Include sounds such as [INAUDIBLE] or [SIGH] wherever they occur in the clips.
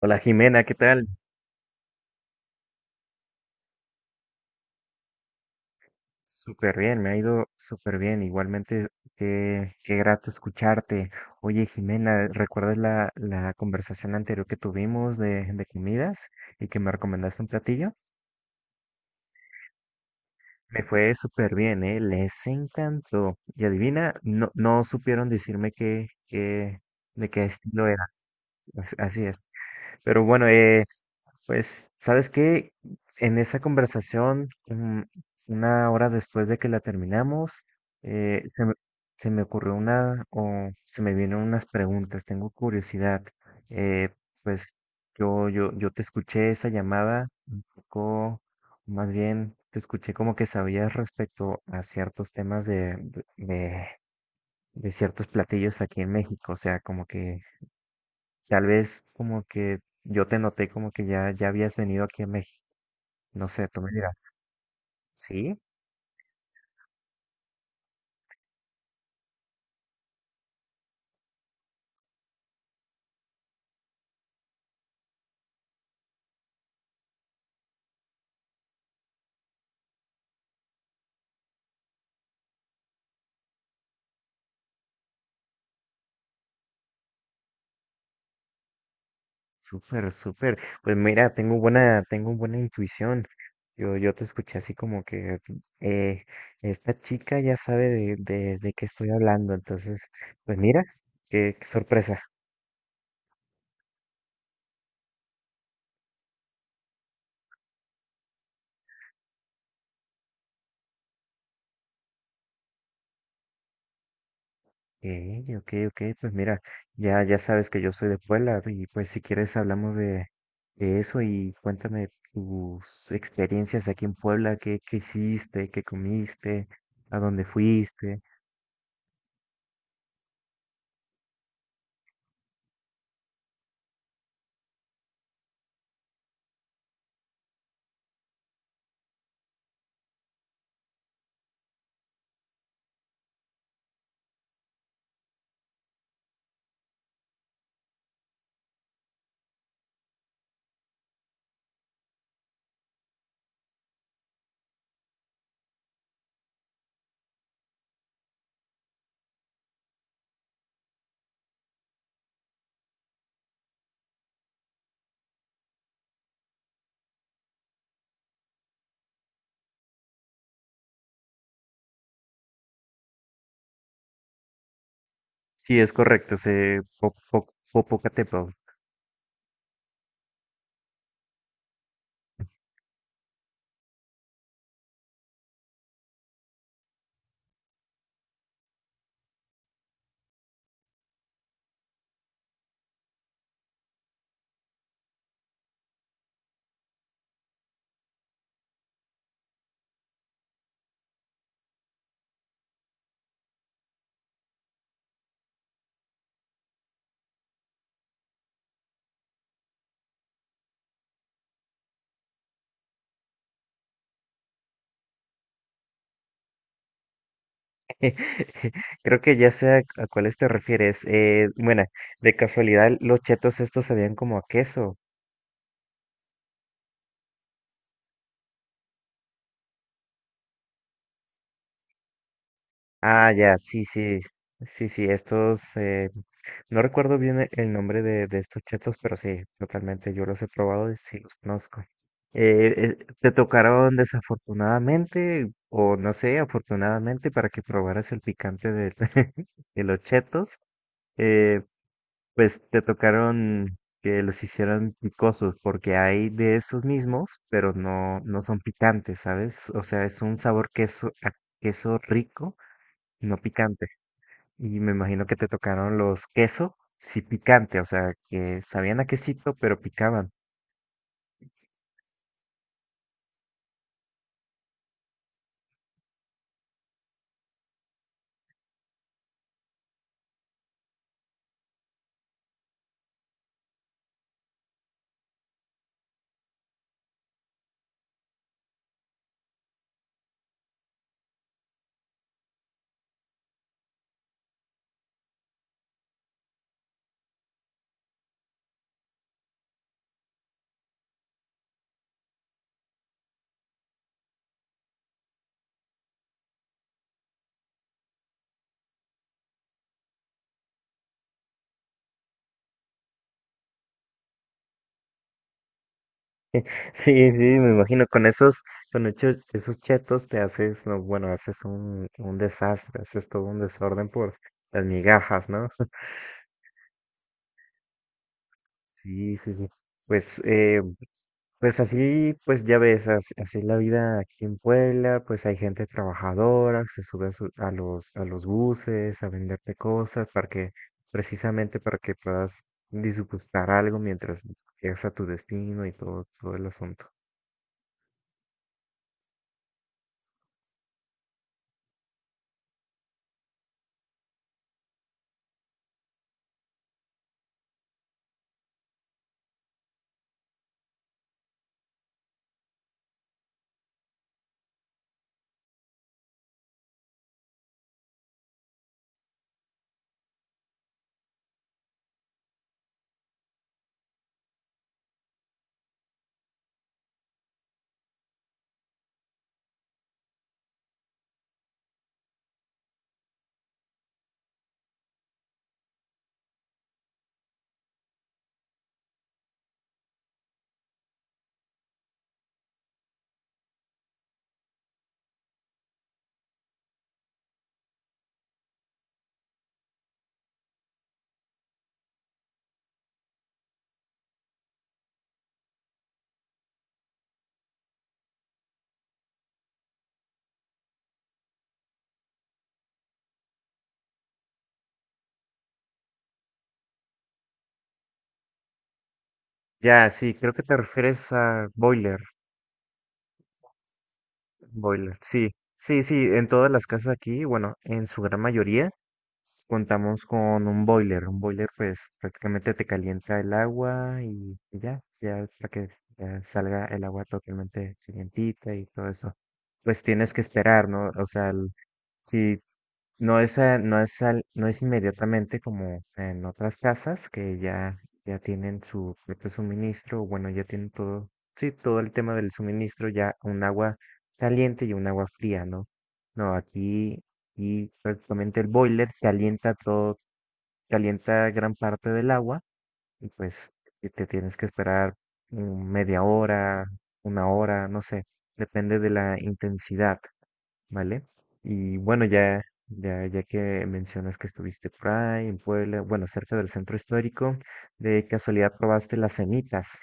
Hola Jimena, ¿qué tal? Súper bien, me ha ido súper bien. Igualmente, qué grato escucharte. Oye Jimena, ¿recuerdas la conversación anterior que tuvimos de comidas y que me recomendaste un platillo? Me fue súper bien, ¿eh? Les encantó. Y adivina, no, no supieron decirme de qué estilo era. Así es. Pero bueno, pues, ¿sabes qué? En esa conversación, una hora después de que la terminamos, eh, se me, se me ocurrió una, o se me vienen unas preguntas, tengo curiosidad. Eh, pues yo te escuché esa llamada, poco, más bien te escuché como que sabías respecto a ciertos temas de, de ciertos platillos aquí en México. O sea, como que tal vez como que yo te noté como que ya habías venido aquí a México. No sé, tú me dirás. Sí, súper, súper. Pues mira, tengo buena intuición. Yo te escuché así como que eh, esta chica ya sabe de qué estoy hablando. Entonces, pues mira, qué sorpresa. Ok, ok, pues mira, ya sabes que yo soy de Puebla y pues si quieres hablamos de eso y cuéntame tus experiencias aquí en Puebla, qué hiciste, qué comiste, a dónde fuiste. Sí, es correcto, Popocatépetl. [LAUGHS] Creo que ya sé a cuáles te refieres. Bueno, de casualidad, los chetos estos sabían como a queso. Ah, ya, sí, sí, sí, sí, estos, no recuerdo bien el nombre de estos chetos, pero sí, totalmente, yo los he probado y sí los conozco. ¿Te tocaron desafortunadamente o no sé, afortunadamente para que probaras el picante de, [LAUGHS] de los chetos? Eh, Pues te tocaron que los hicieran picosos, porque hay de esos mismos, pero no, no son picantes, ¿sabes? O sea, es un sabor queso, a queso rico, no picante. Y me imagino que te tocaron los queso, sí picante, o sea, que sabían a quesito, pero picaban. [LAUGHS] Sí, sí, me imagino, con esos, esos chetos te haces, no, bueno, haces un desastre, haces todo un desorden por las migajas, ¿no? [LAUGHS] Sí, sí, sí. Pues, pues así, pues ya ves, así es la vida aquí en Puebla, pues hay gente trabajadora que se sube a, a los buses a venderte cosas para que, precisamente para que puedas disgustar algo mientras llegas a tu destino y todo, todo el asunto. Ya, sí, creo que te refieres a Boiler. Boiler, sí, sí, sí, en todas las casas aquí, bueno, en su gran mayoría contamos con un boiler. Un boiler pues prácticamente te calienta el agua y ya, ya para que ya salga el agua totalmente calientita y todo eso. Pues tienes que esperar, ¿no? O sea, si no es, no es, no es inmediatamente como en otras casas que ya, ya tienen su propio suministro, o bueno, ya tienen todo, sí, todo el tema del suministro, ya un agua caliente y un agua fría, ¿no? No, aquí, y prácticamente el boiler calienta todo, calienta gran parte del agua y pues y te tienes que esperar media hora, una hora, no sé, depende de la intensidad, ¿vale? Y bueno, ya, ya que mencionas que estuviste por ahí, en Puebla, bueno, cerca del centro histórico, de casualidad probaste las semitas.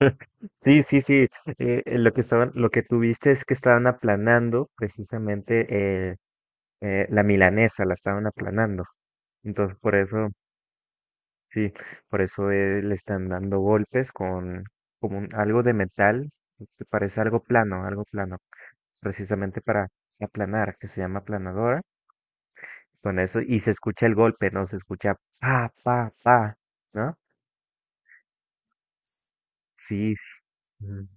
[LAUGHS] Sí, sí, sí. Lo que estaban, lo que tuviste es que estaban aplanando precisamente eh, la milanesa, la estaban aplanando. Entonces, por eso sí, por eso le están dando golpes con como algo de metal, que parece algo plano, precisamente para aplanar, que se llama aplanadora. Con eso, y se escucha el golpe, ¿no? Se escucha pa, pa, pa, ¿no? S- Sí, sí. Mm.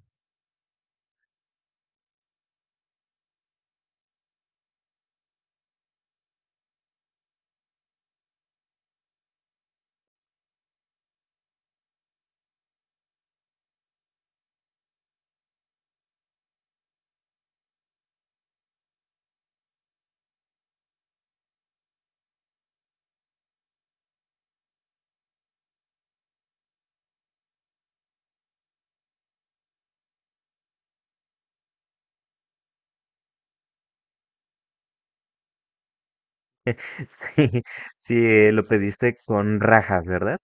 [LAUGHS] Sí, sí, lo pediste con rajas, ¿verdad?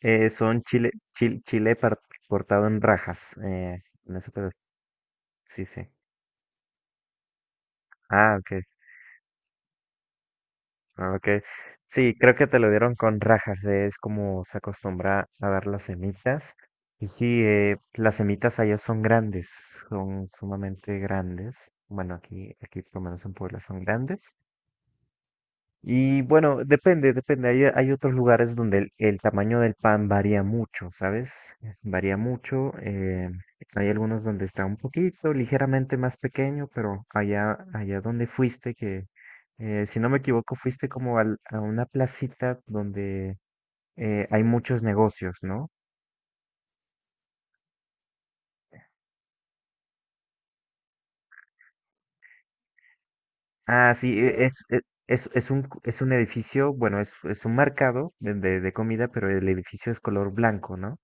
Son chile, cortado en rajas, en ese pedazo. Sí, sí. Ah, ok. Ah, ok. Sí, creo que te lo dieron con rajas, es como se acostumbra a dar las semitas. Y sí, las semitas allá son grandes, son sumamente grandes. Bueno, aquí, aquí por lo menos en Puebla son grandes. Y bueno, depende, depende. Hay otros lugares donde el tamaño del pan varía mucho, ¿sabes? Varía mucho. Hay algunos donde está un poquito, ligeramente más pequeño, pero allá, allá donde fuiste, que si no me equivoco, fuiste como a una placita donde hay muchos negocios, ¿no? Ah, sí, es, es un edificio, bueno, es un mercado de, de comida, pero el edificio es color blanco, ¿no?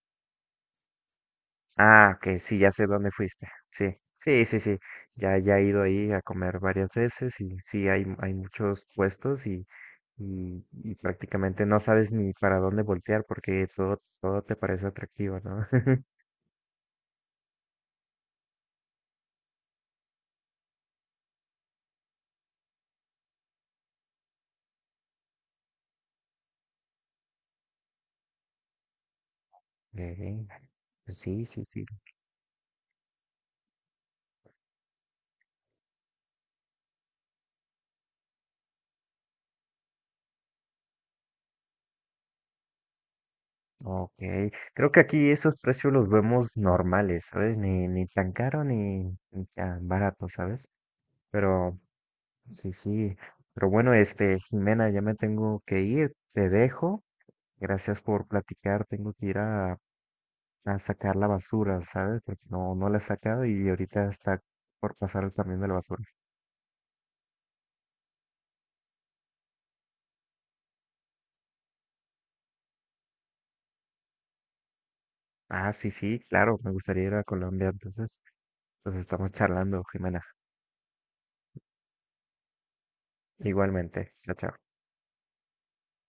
Ah, que sí, ya sé dónde fuiste. Sí, sí, sí, sí. Ya, ya he ido ahí a comer varias veces y sí, hay muchos puestos y, y prácticamente no sabes ni para dónde voltear porque todo, todo te parece atractivo, ¿no? [LAUGHS] Eh, pues sí, sí, sí. Ok. Creo que aquí esos precios los vemos normales, ¿sabes? Ni, ni tan caro ni, ni tan barato, ¿sabes? Pero sí, sí. Pero bueno, este, Jimena, ya me tengo que ir, te dejo. Gracias por platicar. Tengo que ir a sacar la basura, ¿sabes? Porque no, no la he sacado y ahorita está por pasar el camión de la basura. Ah, sí, sí, claro, me gustaría ir a Colombia. Entonces, nos estamos charlando, Jimena. Igualmente. Chao, chao.